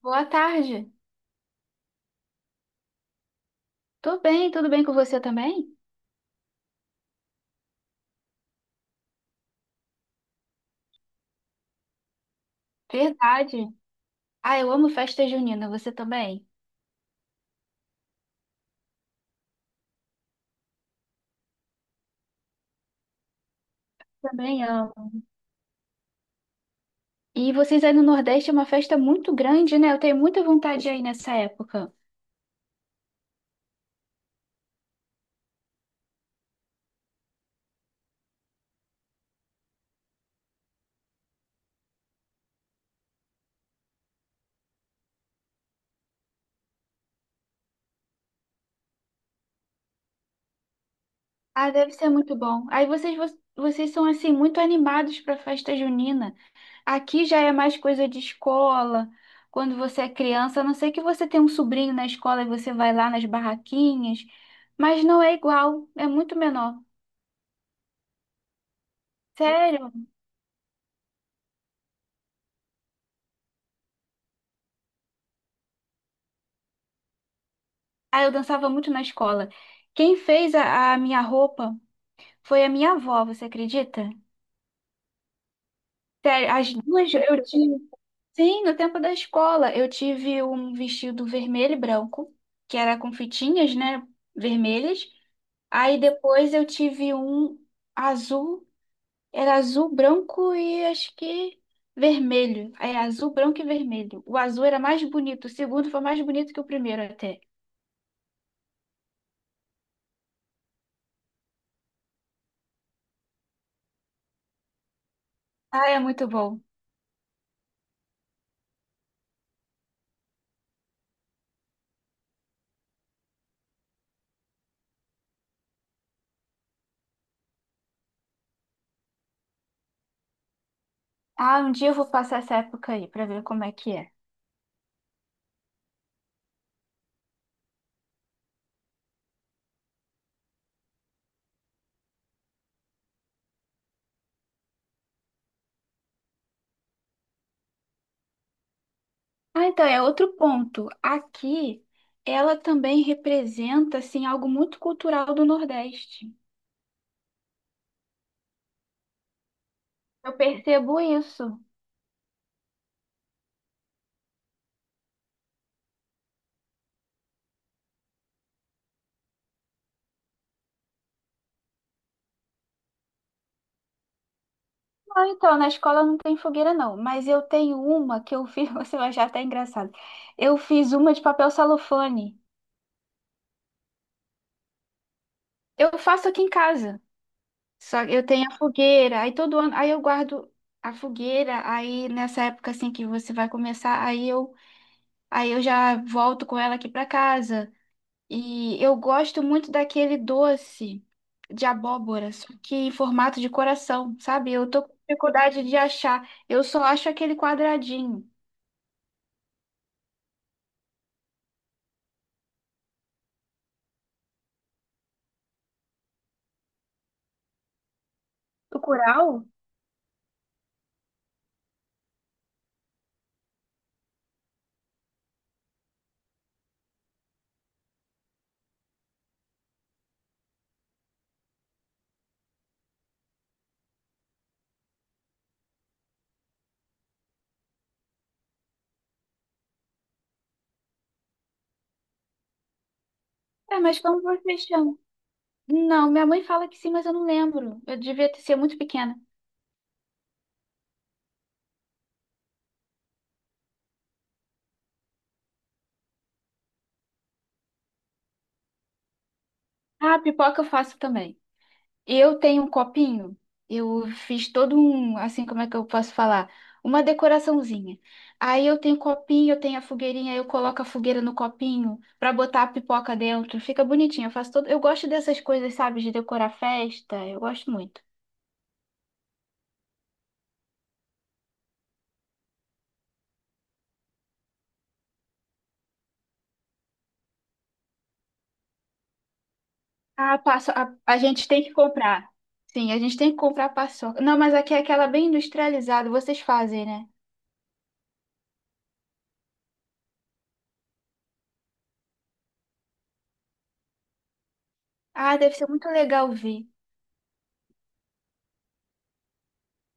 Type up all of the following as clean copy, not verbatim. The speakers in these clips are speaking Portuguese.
Boa tarde. Tô bem, tudo bem com você também? Verdade. Ah, eu amo festa junina, você também? Também amo. E vocês aí no Nordeste é uma festa muito grande, né? Eu tenho muita vontade aí nessa época. Ah, deve ser muito bom. Aí vocês, vocês são assim muito animados para festa junina. Aqui já é mais coisa de escola. Quando você é criança, a não sei que você tem um sobrinho na escola e você vai lá nas barraquinhas, mas não é igual, é muito menor. Sério? Ah, eu dançava muito na escola. Quem fez a minha roupa foi a minha avó, você acredita? Sério, as duas eu tive. Sim, no tempo da escola, eu tive um vestido vermelho e branco, que era com fitinhas, né, vermelhas. Aí depois eu tive um azul, era azul, branco e acho que vermelho. É azul, branco e vermelho. O azul era mais bonito, o segundo foi mais bonito que o primeiro até. Ah, é muito bom. Ah, um dia eu vou passar essa época aí pra ver como é que é. Ah, então, é outro ponto. Aqui, ela também representa, assim, algo muito cultural do Nordeste. Eu percebo isso. Ah, então, na escola não tem fogueira, não. Mas eu tenho uma que eu fiz, você vai achar até engraçado. Eu fiz uma de papel celofane. Eu faço aqui em casa. Só que eu tenho a fogueira, aí todo ano, aí eu guardo a fogueira, aí nessa época assim que você vai começar, aí eu já volto com ela aqui pra casa. E eu gosto muito daquele doce de abóbora, só que em formato de coração, sabe? Eu tô com dificuldade de achar. Eu só acho aquele quadradinho. O curau? É, mas como vocês chamam? Não, minha mãe fala que sim, mas eu não lembro. Eu devia ter sido muito pequena. Ah, pipoca eu faço também. E eu tenho um copinho. Eu fiz todo um, assim, como é que eu posso falar? Uma decoraçãozinha. Aí eu tenho copinho, eu tenho a fogueirinha, aí eu coloco a fogueira no copinho pra botar a pipoca dentro. Fica bonitinho. Eu faço todo, eu gosto dessas coisas, sabe, de decorar festa. Eu gosto muito. Ah, passo, a gente tem que comprar. Sim, a gente tem que comprar paçoca. Não, mas aqui é aquela bem industrializada, vocês fazem, né? Ah, deve ser muito legal ver.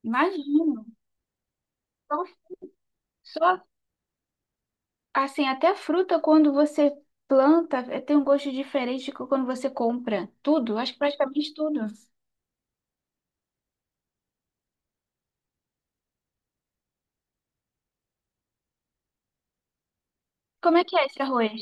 Imagino. Só, só Assim, até fruta, quando você planta, tem um gosto diferente de quando você compra. Tudo, acho que praticamente tudo. Como é que é esse arroz?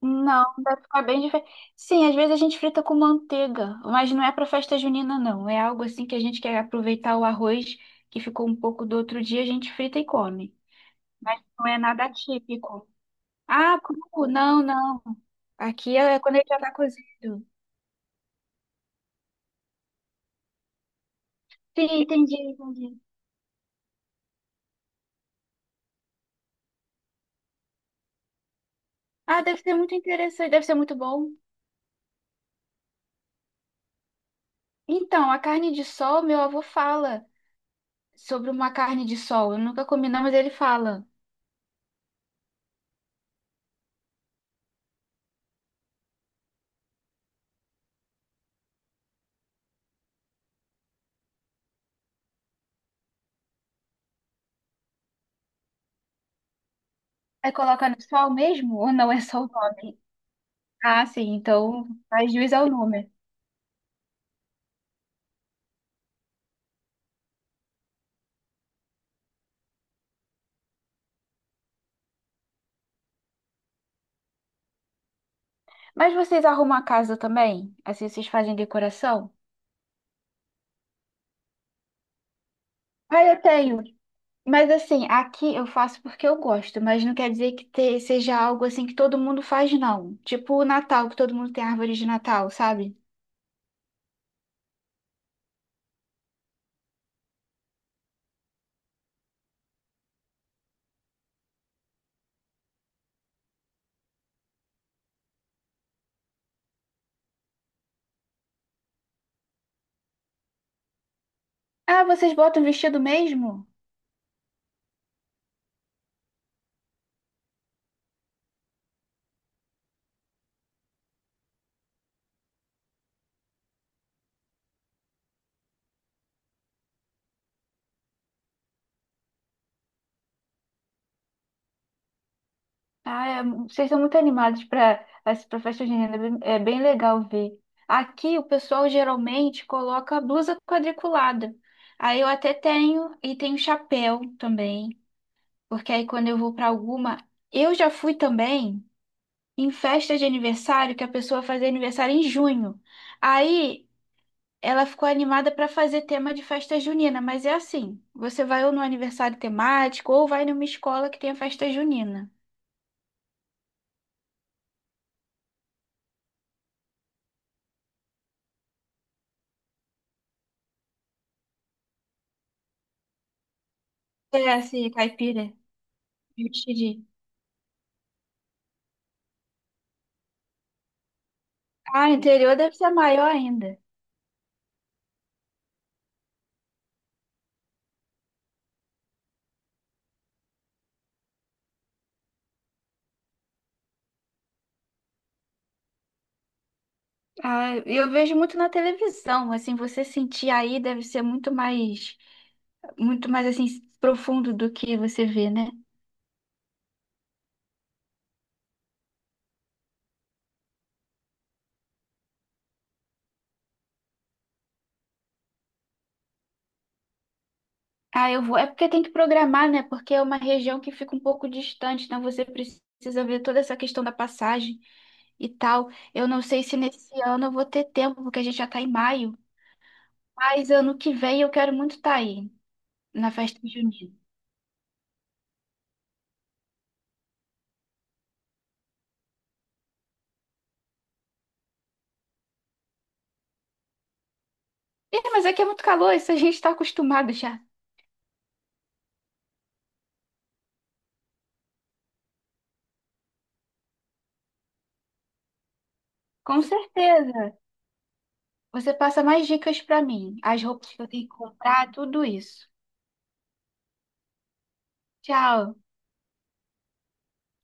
Não, vai ficar bem diferente. Sim, às vezes a gente frita com manteiga, mas não é para festa junina, não. É algo assim que a gente quer aproveitar o arroz que ficou um pouco do outro dia, a gente frita e come. Mas não é nada típico. Ah, cru? Não, não. Aqui é quando ele já está cozido. Sim, entendi, entendi. Ah, deve ser muito interessante, deve ser muito bom. Então, a carne de sol, meu avô fala sobre uma carne de sol. Eu nunca comi, não, mas ele fala. É colocar no sol mesmo ou não é só o nome? Ah, sim, então faz juiz ao nome. Mas vocês arrumam a casa também? Assim, vocês fazem decoração? Ah, eu tenho. Mas assim, aqui eu faço porque eu gosto, mas não quer dizer que seja algo assim que todo mundo faz, não. Tipo o Natal, que todo mundo tem árvore de Natal, sabe? Ah, vocês botam vestido mesmo? Ah, é, vocês estão muito animados para festa junina, é bem legal ver. Aqui o pessoal geralmente coloca blusa quadriculada. Aí eu até tenho e tenho chapéu também, porque aí quando eu vou para alguma, eu já fui também em festa de aniversário que a pessoa fazia aniversário em junho. Aí ela ficou animada para fazer tema de festa junina, mas é assim, você vai ou no aniversário temático ou vai numa escola que tem a festa junina. É assim, caipira. Entendi. Ah, interior deve ser maior ainda. Ah, eu vejo muito na televisão, assim, você sentir aí deve ser muito mais assim profundo do que você vê, né? Ah, eu vou. É porque tem que programar, né? Porque é uma região que fica um pouco distante, então você precisa ver toda essa questão da passagem e tal. Eu não sei se nesse ano eu vou ter tempo, porque a gente já tá em maio, mas ano que vem eu quero muito estar aí na festa junina. Ih, mas aqui é muito calor, isso a gente está acostumado já. Com certeza. Você passa mais dicas pra mim, as roupas que eu tenho que comprar, tudo isso. Tchau.